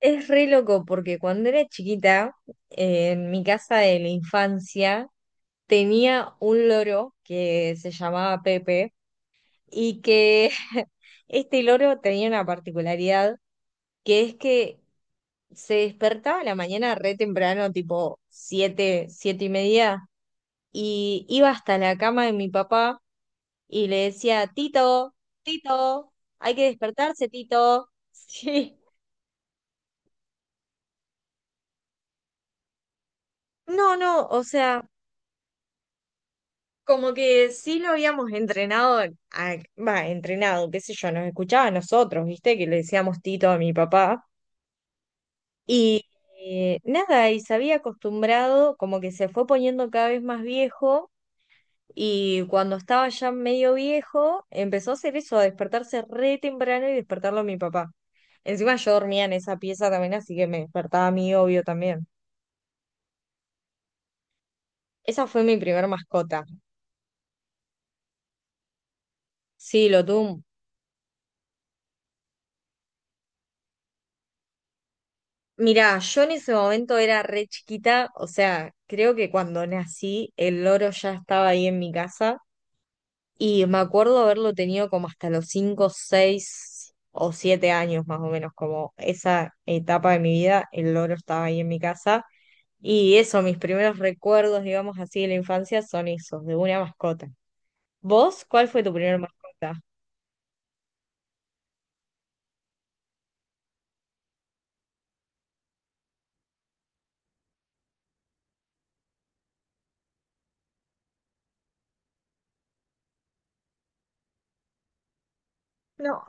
Es re loco porque cuando era chiquita, en mi casa de la infancia, tenía un loro que se llamaba Pepe y que este loro tenía una particularidad que es que se despertaba a la mañana re temprano, tipo siete, siete y media, y iba hasta la cama de mi papá y le decía, Tito, Tito, hay que despertarse, Tito. Sí. No, no, o sea... Como que sí lo habíamos entrenado, entrenado, qué sé yo, nos escuchaba a nosotros, ¿viste? Que le decíamos Tito a mi papá. Y nada, y se había acostumbrado, como que se fue poniendo cada vez más viejo. Y cuando estaba ya medio viejo, empezó a hacer eso, a despertarse re temprano y despertarlo a mi papá. Encima yo dormía en esa pieza también, así que me despertaba a mí, obvio, también. Esa fue mi primer mascota. Sí, lo tuve. Mirá, yo en ese momento era re chiquita, o sea, creo que cuando nací el loro ya estaba ahí en mi casa y me acuerdo haberlo tenido como hasta los 5, 6 o 7 años más o menos, como esa etapa de mi vida, el loro estaba ahí en mi casa y eso, mis primeros recuerdos, digamos así, de la infancia son esos, de una mascota. ¿Vos cuál fue tu primera mascota? No,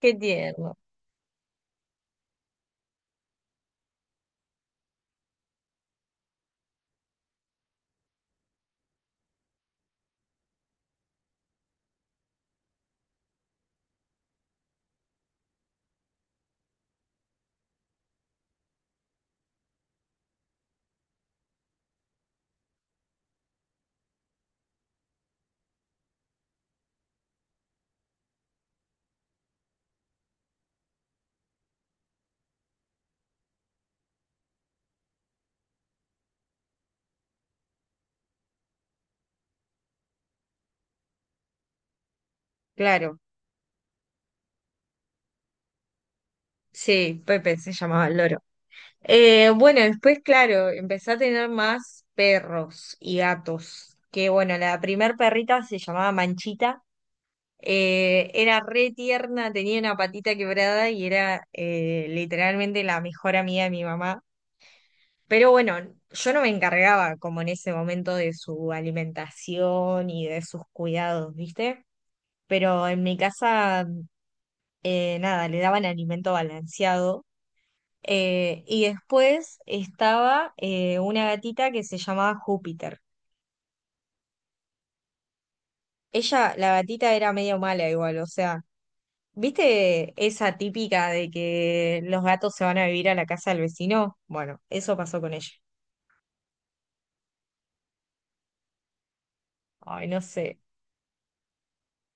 qué tierno. Claro, sí, Pepe se llamaba el loro. Bueno, después, claro, empecé a tener más perros y gatos. Que bueno, la primer perrita se llamaba Manchita. Era re tierna, tenía una patita quebrada y era literalmente la mejor amiga de mi mamá. Pero bueno, yo no me encargaba como en ese momento de su alimentación y de sus cuidados, ¿viste? Pero en mi casa, nada, le daban alimento balanceado. Y después estaba una gatita que se llamaba Júpiter. Ella, la gatita era medio mala igual, o sea, ¿viste esa típica de que los gatos se van a vivir a la casa del vecino? Bueno, eso pasó con ella. Ay, no sé.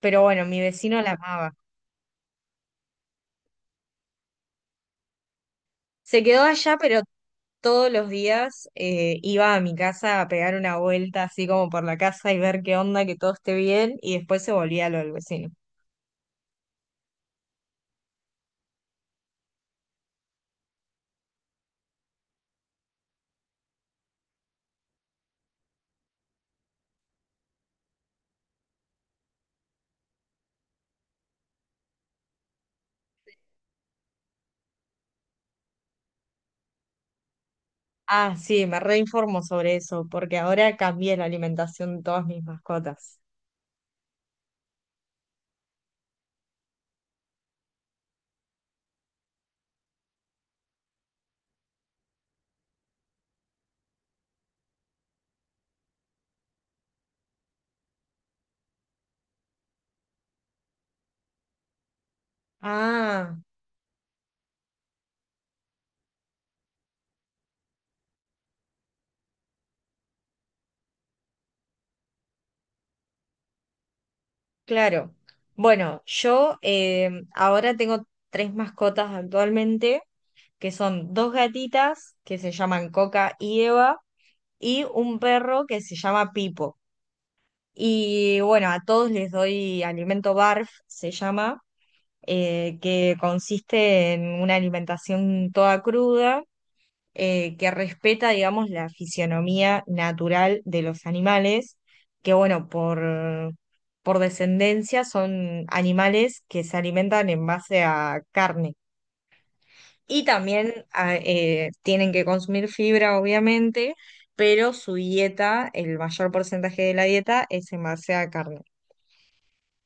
Pero bueno, mi vecino la amaba. Se quedó allá, pero todos los días iba a mi casa a pegar una vuelta así como por la casa y ver qué onda, que todo esté bien, y después se volvía a lo del vecino. Ah, sí, me reinformo sobre eso, porque ahora cambié la alimentación de todas mis mascotas. Ah, claro. Bueno, yo ahora tengo tres mascotas actualmente, que son dos gatitas, que se llaman Coca y Eva, y un perro que se llama Pipo. Y bueno, a todos les doy alimento BARF, se llama, que consiste en una alimentación toda cruda, que respeta, digamos, la fisionomía natural de los animales, que bueno, por descendencia son animales que se alimentan en base a carne. Y también tienen que consumir fibra, obviamente, pero su dieta, el mayor porcentaje de la dieta es en base a carne.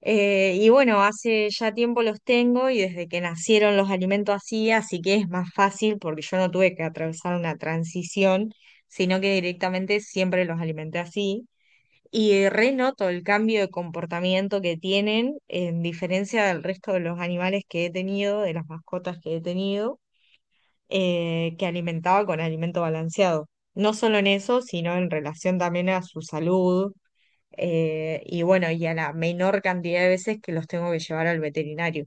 Y bueno, hace ya tiempo los tengo y desde que nacieron los alimento así, así que es más fácil porque yo no tuve que atravesar una transición, sino que directamente siempre los alimenté así. Y renoto el cambio de comportamiento que tienen en diferencia del resto de los animales que he tenido, de las mascotas que he tenido, que alimentaba con alimento balanceado. No solo en eso, sino en relación también a su salud y bueno, y a la menor cantidad de veces que los tengo que llevar al veterinario.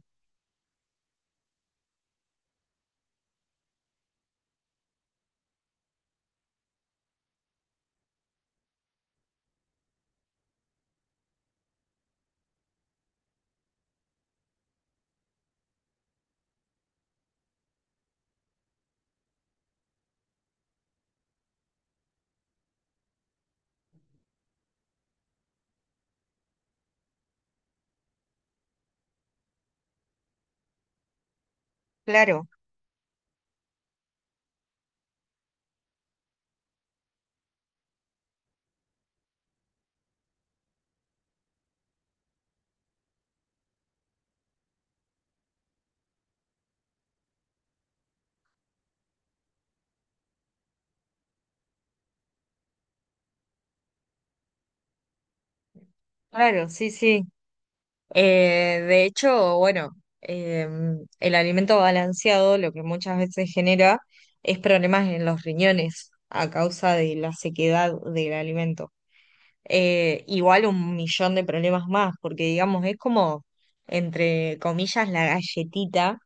Claro, claro, sí, sí. De hecho, bueno, eh, el alimento balanceado lo que muchas veces genera es problemas en los riñones a causa de la sequedad del alimento. Igual un millón de problemas más, porque digamos, es como, entre comillas, la galletita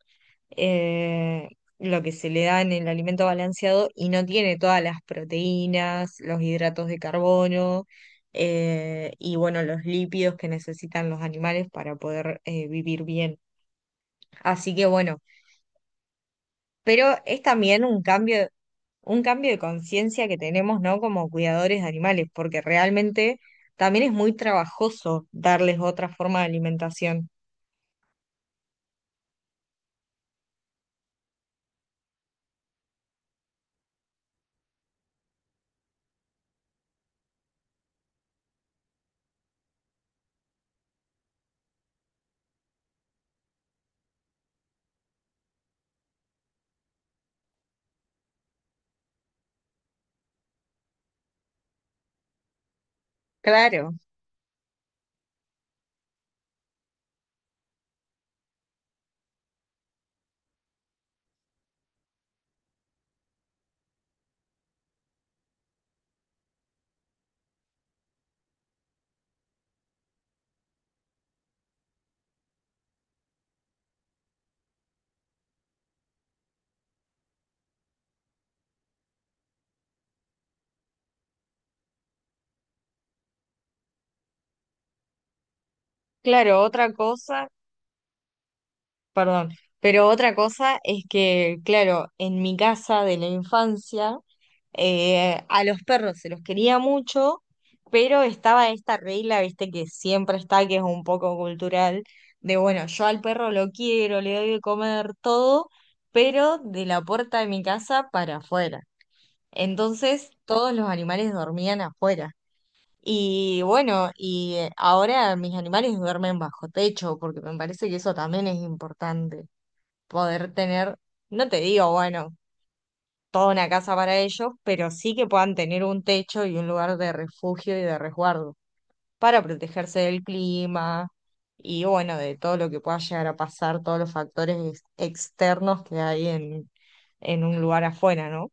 eh, lo que se le da en el alimento balanceado y no tiene todas las proteínas, los hidratos de carbono y bueno, los lípidos que necesitan los animales para poder vivir bien. Así que bueno, pero es también un cambio de conciencia que tenemos, ¿no? Como cuidadores de animales, porque realmente también es muy trabajoso darles otra forma de alimentación. Claro. Claro, otra cosa, perdón. Pero otra cosa es que, claro, en mi casa de la infancia, a los perros se los quería mucho, pero estaba esta regla, viste, que siempre está, que es un poco cultural, de bueno, yo al perro lo quiero, le doy de comer todo, pero de la puerta de mi casa para afuera. Entonces, todos los animales dormían afuera. Y bueno, y ahora mis animales duermen bajo techo, porque me parece que eso también es importante poder tener, no te digo, bueno, toda una casa para ellos, pero sí que puedan tener un techo y un lugar de refugio y de resguardo para protegerse del clima y bueno, de todo lo que pueda llegar a pasar, todos los factores externos que hay en un lugar afuera, ¿no?